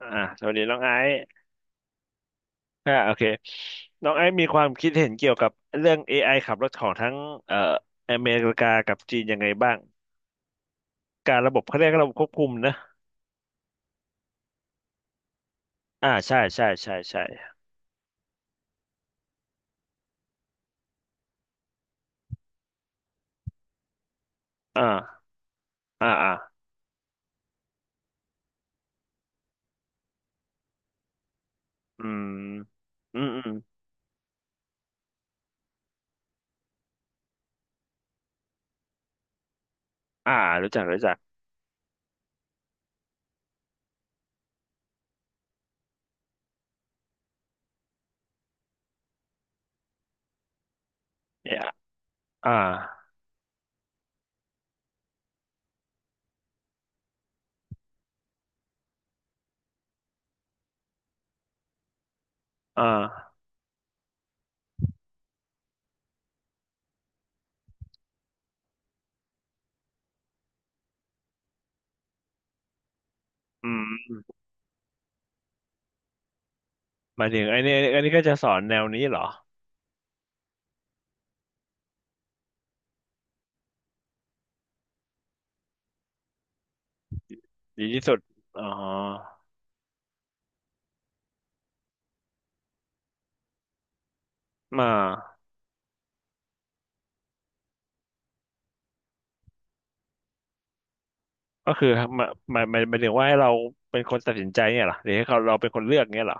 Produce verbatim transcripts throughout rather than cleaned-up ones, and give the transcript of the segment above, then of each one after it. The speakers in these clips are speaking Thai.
อ่าสวัสดีน้องไอซ์อ่าโอเคน้องไอซ์มีความคิดเห็นเกี่ยวกับเรื่อง เอ ไอ ขับรถของทั้งเอ่ออเมริกากับจีนยังไงบ้างการระบบเขาเรียกระบบควบคุมนะ อ่าใช่ใช่ใช่ใช่อ่าอ่าอ่าอืมอืมอืมอ่ารู้จักรู้จักเนี่ยอ่าอ่าอืมหมายถึงไอ้นี่อันนี้ก็จะสอนแนวนี้เหรอดีที่สุดอ๋อมาก็คือหมายหมายหมายถึงว่าให้เราเป็นคนตัดสินใจเนี่ยเหรอ หรือให้เขาเราเป็นคนเลือกเนี่ยเหรอ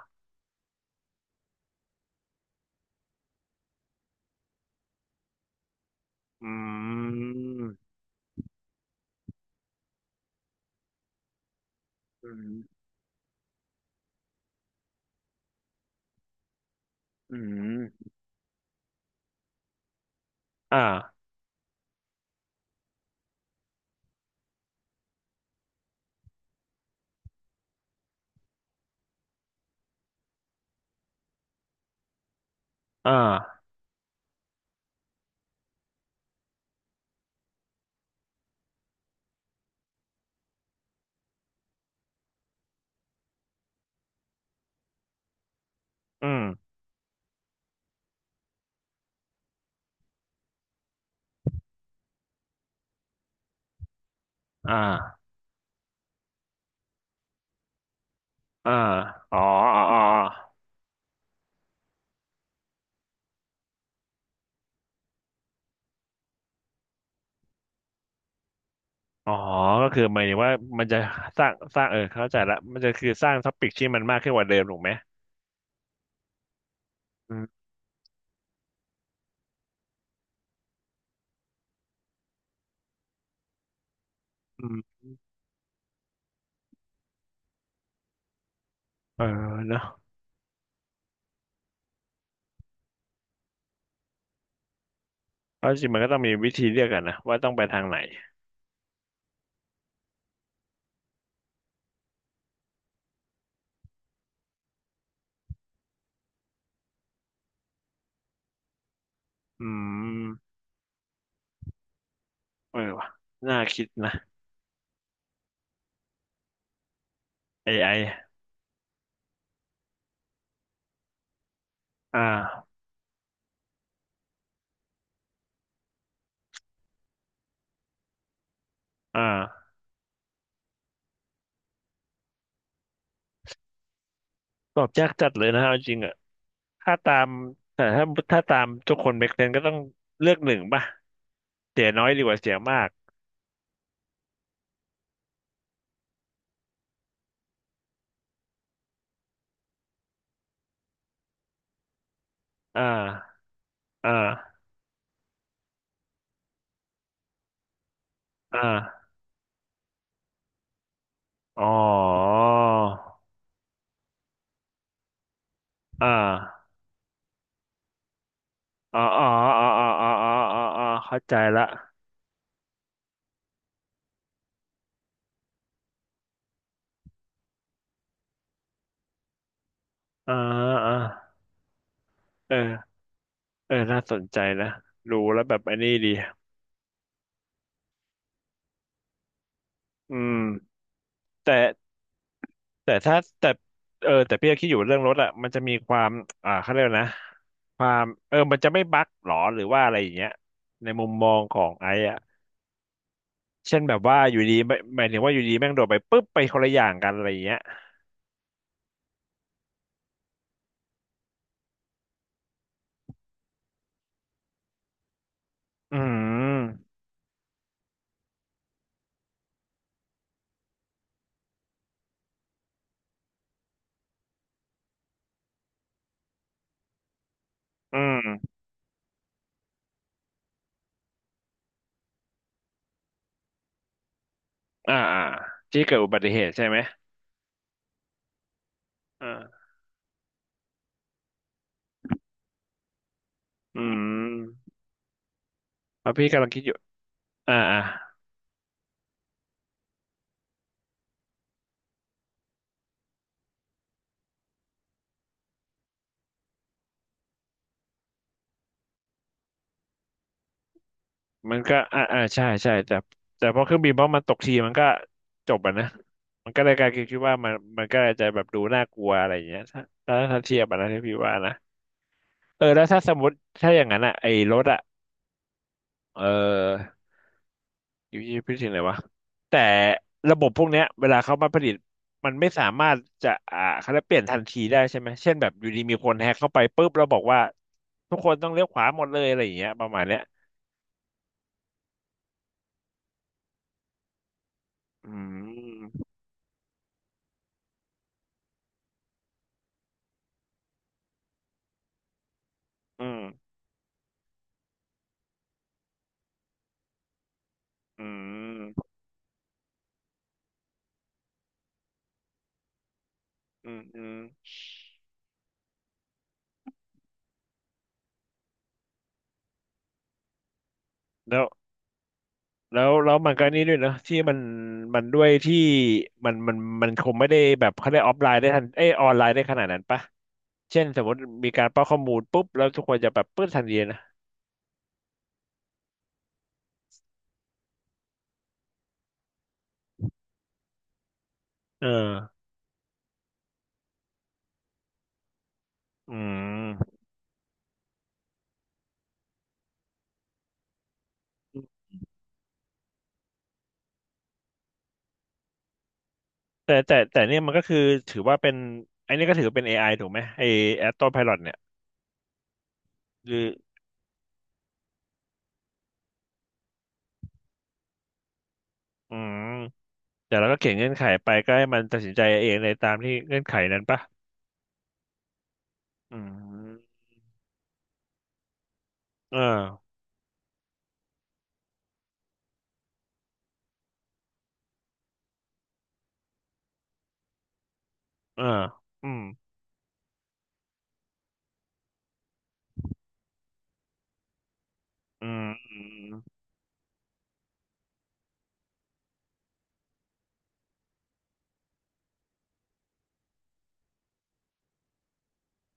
อืมอืม อืมอ่าอ่าอืมอ่าอ่าอ๋ออ๋ออ๋ออ๋อก็คือหมายถึงว่ามันจะสร้างสร้างเออเข้าใจละมันจะคือสร้างท็อปิกที่มันมากขึ้นกว่าเดิมถูกไหมอืมอืมเออเนาะเพราะจริงๆมันก็ต้องมีวิธีเลือกกันนะว่าต้องไปทางไหนอืมเออว่ะน่าคิดนะ เอ ไอ อไออ่าอ่าตอบยากจัดเลยนะเอาจริงอะ ถ้าตามแต่ถ้าถ้าตามทุกคนเมกเซนก็ต้องเลือกหนึ่งป่ะเสียน้อยดีกว่าเสียมากอ่าอ่าอ่าอ๋ออ่าอ๋ออ๋ออ๋ออ๋ออ๋ออ๋ออ๋ออ๋อเข้าใจละอ่าอ่าเออเออน่าสนใจนะรู้แล้วแบบอันนี้ดีอืมแต่แต่ถ้าแต่เออแต่พี่ก็คิดอยู่เรื่องรถอะมันจะมีความอ่าเขาเรียกว่านะเออมันจะไม่บั๊กหรอหรือว่าอะไรอย่างเงี้ยในมุมมองของไอ้ เช่นแบบว่าอยู่ดีไม่หมายถึงว่าอยู่ดีแม่งโดดไปปุ๊บไปคนละอย่างกันอะไรอย่างเงี้ยอืมอืมอ่าอ่าที่เกิดอุบัติเหตุใช่ไหมอ่าอืมแล้วพี่กำลังคิดอยู่อ่าอ่ามันก็อ่าอ่าใช่ใช่แต่แต่พอเครื่องบินเพราะมันตกทีมันก็จบอ่ะนะมันก็เลยกลายคิดว่ามันมันก็จะแบบดูน่ากลัวอะไรอย่างเงี้ยถ้าถ้าถ้าเทียบอ่ะนะที่พี่ว่านะเออแล้วถ้าสมมติถ้าอย่างนั้นอะไอ้รถอะเออ อยู่ที่พิถึงไหนวะแต่ระบบพวกเนี้ยเวลาเขามาผลิตมันไม่สามารถจะอ่าเขาจะเปลี่ยนทันทีได้ใช่ไหมเช่นแบบอยู่ดีมีคนแฮกเข้าไปปุ๊บแล้วบอกว่าทุกคนต้องเลี้ยวขวาหมดเลยอะไรอย่างเงี้ยประมาณเนี้ยอืมอืมอืมอืมอืมแล้วแล้วแล้วมันก็นี่ด้วยเนอะที่มันมันด้วยที่มันมันมันคงไม่ได้แบบเขาได้ออฟไลน์ได้ทันเอยออนไลน์ได้ขนาดนั้นปะเช่นสมมติมีการป้อนข้อมูลปุ๊บแล้วทุกคนจะแบบปื้ดทันทีนะเอออืม แต่แต่แต่เนี่ยมันก็คือถือว่าเป็นไอ้นี่ก็ถือเป็น เอ ไอ ถูกไหมไอ้ Auto Pilot เนี่ยคืออืมแต่เราก็เขียนเงื่อนไขไปก็ให้มันตัดสินใจเองในตามที่เงื่อนไขนั้นปะอืมเออเอออืมอืมอืม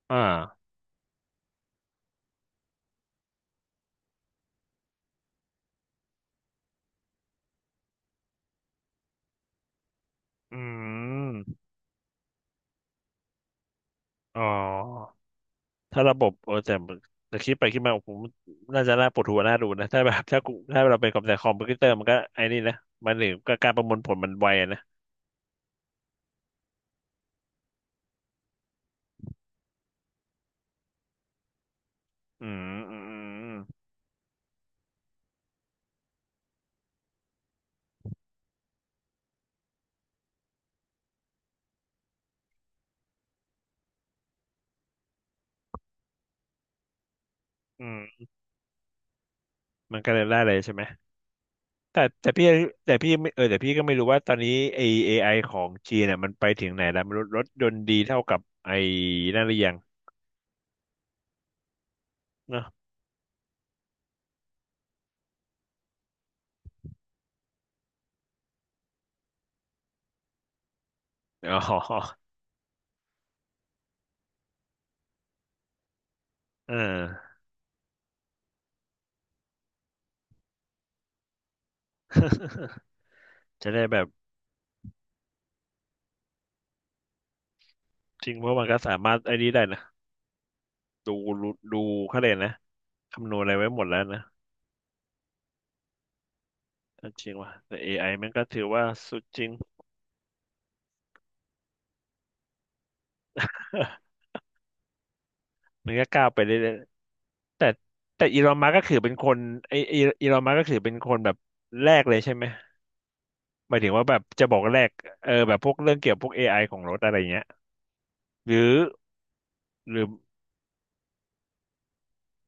อ่าอืมอ๋อถ้าระบบเออแต่แต่คิดไปคิดมาผมน่าจะน่าปวดหัวน่าดูนะถ้าแบบถ้ากูถ้าเราเป็นกับแต่คอมพิวเตอร์มันก็ไอ้นี่นะมันหรือก็การประมวลผลมันไวอะนะอืมอืมอืมอืม มันก็เลยได้เลยใช่ไหมแต่แต่พี่แต่พี่ไม่เออแต่พี่ก็ไม่รู้ว่าตอนนี้ไอเอไอของจีนเนี่ยมันไปถึงไหนแล้วไม่รู้รถยนต์ดีเท่ากับไอนั่นหรือยังเนาะอ๋อเออ จะได้แบบจริงเพราะมันก็สามารถไอ้นี้ได้นะดูรู้ดูเขาเลยกนะคำนวณอะไรไว้หมดแล้วนะจริงว่ะแต่ เอ ไอ มันก็ถือว่าสุดจริง มันก็ก้าวไปเรื่อยๆแต่แต่อีลอนมัสก์ก็คือเป็นคนไอไออีลอนมัสก์ก็คือเป็นคนแบบแรกเลยใช่ไหม หมายถึงว่าแบบจะบอกแรกเออแบบพวกเรื่องเกี่ยวกับพวก เอ ไอ ของรถอะไรเงี้ยหรือหรือ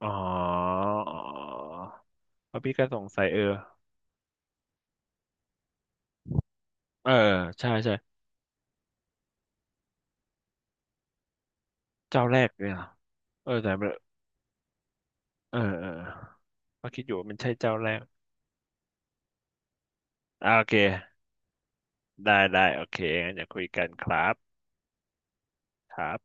อ๋อเพราะพี่ก็สงสัยเออเออใช่ใช่เจ้าแรกเนี่ยเหรอเออแต่ไม่เออเออเออก็คิดอยู่ว่ามันใช่เจ้าแรกอ่าโอเคได้ได้โอเคงั้นอย่าคุยกันครับครับ